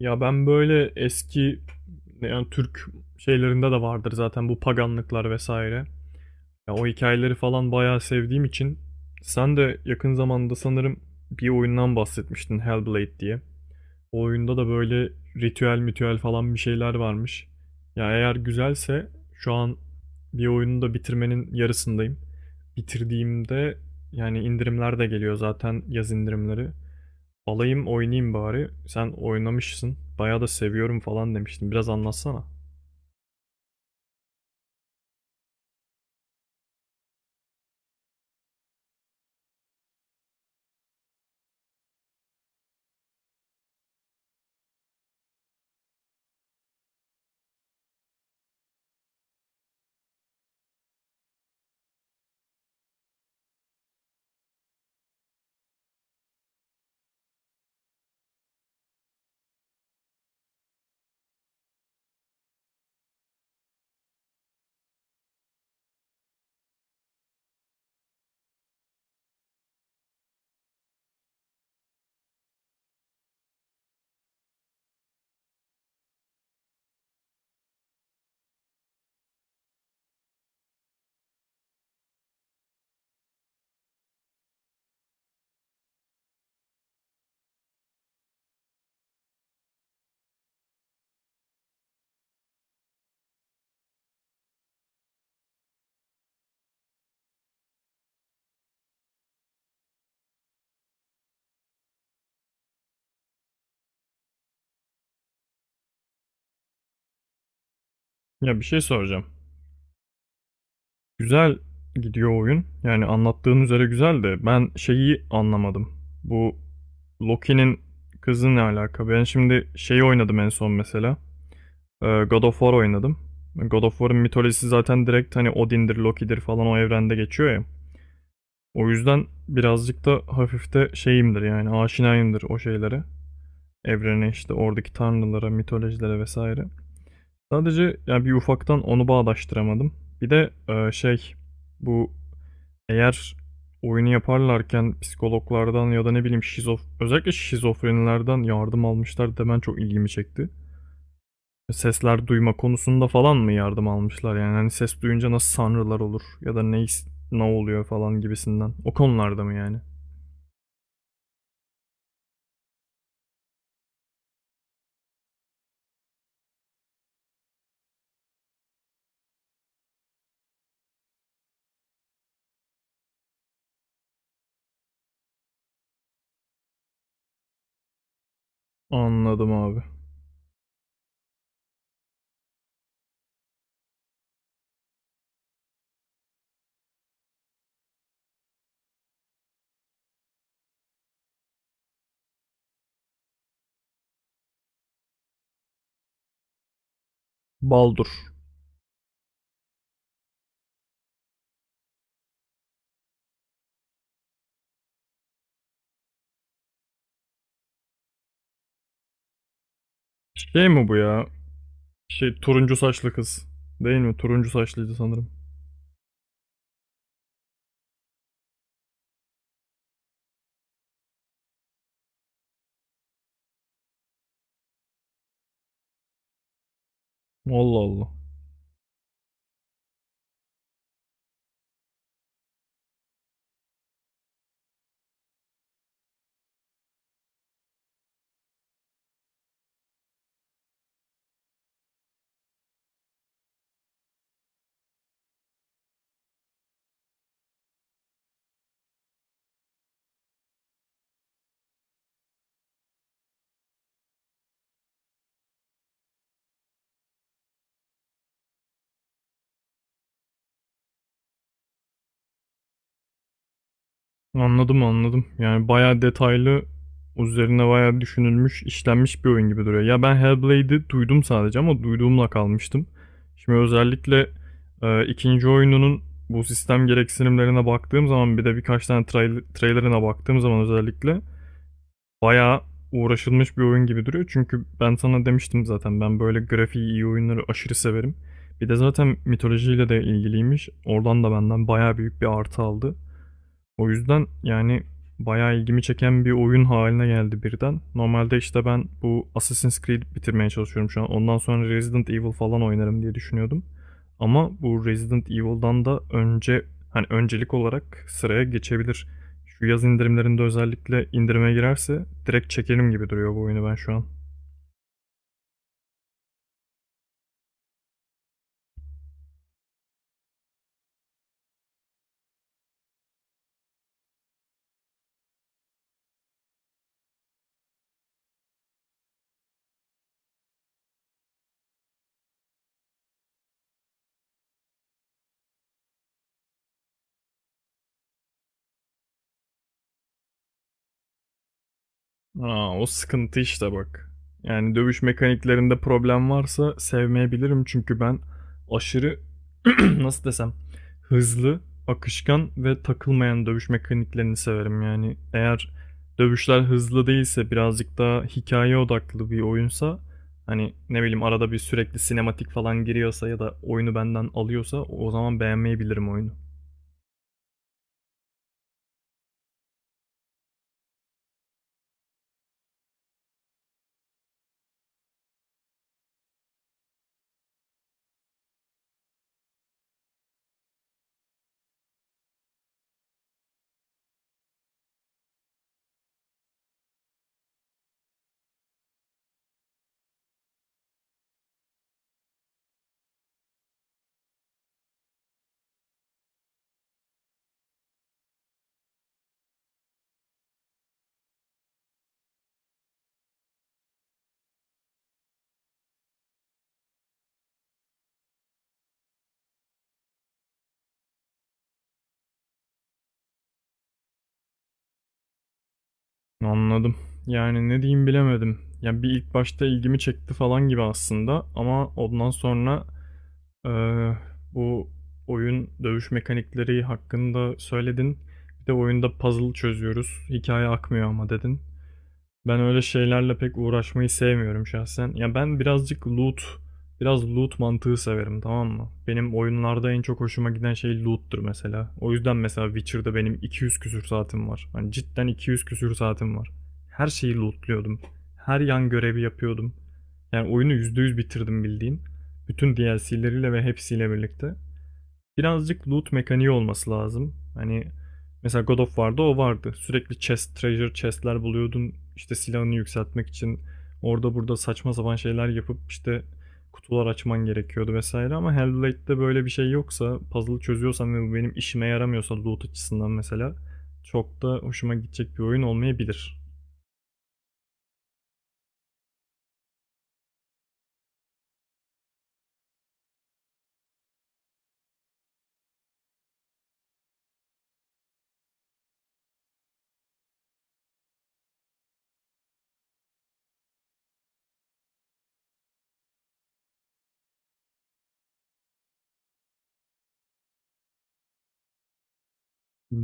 Ya ben böyle eski, yani Türk şeylerinde de vardır zaten bu paganlıklar vesaire. Ya o hikayeleri falan bayağı sevdiğim için sen de yakın zamanda sanırım bir oyundan bahsetmiştin, Hellblade diye. O oyunda da böyle ritüel mitüel falan bir şeyler varmış. Ya eğer güzelse, şu an bir oyunu da bitirmenin yarısındayım. Bitirdiğimde, yani indirimler de geliyor zaten, yaz indirimleri. Alayım oynayayım bari. Sen oynamışsın. Bayağı da seviyorum falan demiştin. Biraz anlatsana. Ya bir şey soracağım. Güzel gidiyor oyun. Yani anlattığın üzere güzel, de ben şeyi anlamadım. Bu Loki'nin kızı ne alaka? Ben şimdi şeyi oynadım en son mesela. God of War oynadım. God of War'ın mitolojisi zaten direkt hani Odin'dir, Loki'dir falan, o evrende geçiyor ya. O yüzden birazcık da hafif de şeyimdir, yani aşinayımdır o şeylere. Evrene işte, oradaki tanrılara, mitolojilere vesaire. Sadece yani bir ufaktan onu bağdaştıramadım. Bir de şey, bu eğer oyunu yaparlarken psikologlardan ya da ne bileyim şizof, özellikle şizofrenilerden yardım almışlar demen çok ilgimi çekti. Sesler duyma konusunda falan mı yardım almışlar, yani hani ses duyunca nasıl sanrılar olur ya da ne oluyor falan gibisinden. O konularda mı yani? Anladım abi. Baldur. Şey mi bu ya? Şey, turuncu saçlı kız. Değil mi? Turuncu saçlıydı sanırım. Allah Allah. Anladım, anladım. Yani bayağı detaylı, üzerine bayağı düşünülmüş, işlenmiş bir oyun gibi duruyor. Ya ben Hellblade'i duydum sadece ama duyduğumla kalmıştım. Şimdi özellikle ikinci oyununun bu sistem gereksinimlerine baktığım zaman, bir de birkaç tane trailerine baktığım zaman özellikle bayağı uğraşılmış bir oyun gibi duruyor. Çünkü ben sana demiştim zaten, ben böyle grafiği iyi oyunları aşırı severim. Bir de zaten mitolojiyle de ilgiliymiş. Oradan da benden bayağı büyük bir artı aldı. O yüzden yani bayağı ilgimi çeken bir oyun haline geldi birden. Normalde işte ben bu Assassin's Creed bitirmeye çalışıyorum şu an. Ondan sonra Resident Evil falan oynarım diye düşünüyordum. Ama bu Resident Evil'dan da önce hani öncelik olarak sıraya geçebilir. Şu yaz indirimlerinde özellikle indirime girerse direkt çekerim gibi duruyor bu oyunu ben şu an. Aa, o sıkıntı işte bak. Yani dövüş mekaniklerinde problem varsa sevmeyebilirim, çünkü ben aşırı nasıl desem, hızlı, akışkan ve takılmayan dövüş mekaniklerini severim. Yani eğer dövüşler hızlı değilse, birazcık daha hikaye odaklı bir oyunsa, hani ne bileyim arada bir sürekli sinematik falan giriyorsa ya da oyunu benden alıyorsa, o zaman beğenmeyebilirim oyunu. Anladım. Yani ne diyeyim bilemedim. Ya bir ilk başta ilgimi çekti falan gibi aslında ama ondan sonra, eee, bu oyun dövüş mekanikleri hakkında söyledin. Bir de oyunda puzzle çözüyoruz. Hikaye akmıyor ama dedin. Ben öyle şeylerle pek uğraşmayı sevmiyorum şahsen. Ya ben birazcık biraz loot mantığı severim, tamam mı? Benim oyunlarda en çok hoşuma giden şey loot'tur mesela. O yüzden mesela Witcher'da benim 200 küsür saatim var. Hani cidden 200 küsür saatim var. Her şeyi lootluyordum. Her yan görevi yapıyordum. Yani oyunu %100 bitirdim bildiğin. Bütün DLC'leriyle ve hepsiyle birlikte. Birazcık loot mekaniği olması lazım. Hani mesela God of War'da o vardı. Sürekli treasure chest'ler buluyordun. İşte silahını yükseltmek için orada burada saçma sapan şeyler yapıp işte kutular açman gerekiyordu vesaire, ama Hellblade'de böyle bir şey yoksa, puzzle çözüyorsan ve bu benim işime yaramıyorsa loot açısından mesela, çok da hoşuma gidecek bir oyun olmayabilir.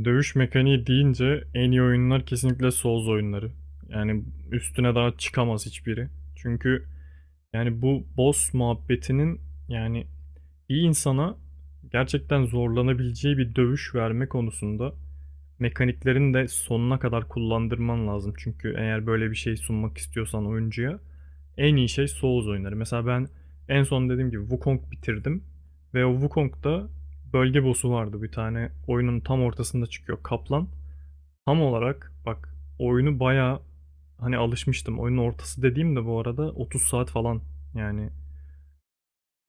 Dövüş mekaniği deyince en iyi oyunlar kesinlikle Souls oyunları. Yani üstüne daha çıkamaz hiçbiri. Çünkü yani bu boss muhabbetinin, yani bir insana gerçekten zorlanabileceği bir dövüş verme konusunda, mekaniklerini de sonuna kadar kullandırman lazım. Çünkü eğer böyle bir şey sunmak istiyorsan oyuncuya, en iyi şey Souls oyunları. Mesela ben en son dediğim gibi Wukong bitirdim ve o Wukong'da bölge boss'u vardı bir tane, oyunun tam ortasında çıkıyor, Kaplan. Tam olarak bak, oyunu bayağı hani alışmıştım. Oyunun ortası dediğim de bu arada 30 saat falan, yani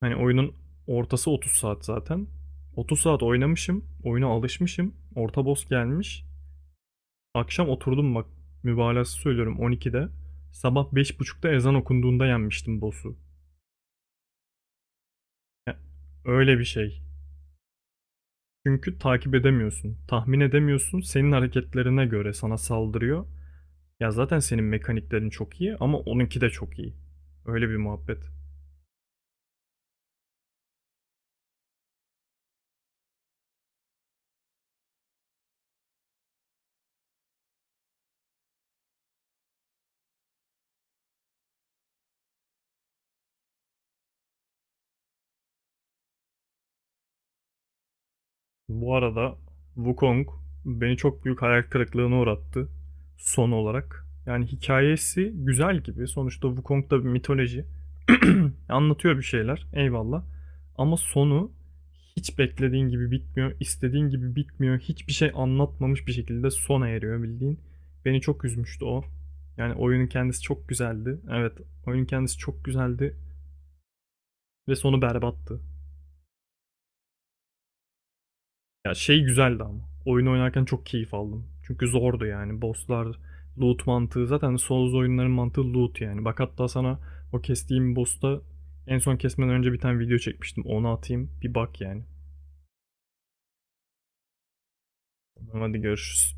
hani oyunun ortası 30 saat zaten. 30 saat oynamışım. Oyuna alışmışım. Orta boss gelmiş. Akşam oturdum bak. Mübalağası söylüyorum, 12'de. Sabah 5.30'da ezan okunduğunda yenmiştim boss'u. Ya, öyle bir şey. Çünkü takip edemiyorsun. Tahmin edemiyorsun. Senin hareketlerine göre sana saldırıyor. Ya zaten senin mekaniklerin çok iyi ama onunki de çok iyi. Öyle bir muhabbet. Bu arada Wukong beni çok büyük hayal kırıklığına uğrattı son olarak. Yani hikayesi güzel gibi. Sonuçta Wukong da bir mitoloji. Anlatıyor bir şeyler. Eyvallah. Ama sonu hiç beklediğin gibi bitmiyor, istediğin gibi bitmiyor. Hiçbir şey anlatmamış bir şekilde sona eriyor bildiğin. Beni çok üzmüştü o. Yani oyunun kendisi çok güzeldi. Evet, oyunun kendisi çok güzeldi ve sonu berbattı. Ya şey güzeldi ama. Oyun oynarken çok keyif aldım. Çünkü zordu yani. Bosslar, loot mantığı. Zaten Souls oyunların mantığı loot yani. Bak hatta sana o kestiğim boss'ta en son kesmeden önce bir tane video çekmiştim. Onu atayım. Bir bak yani. Tamam, hadi görüşürüz.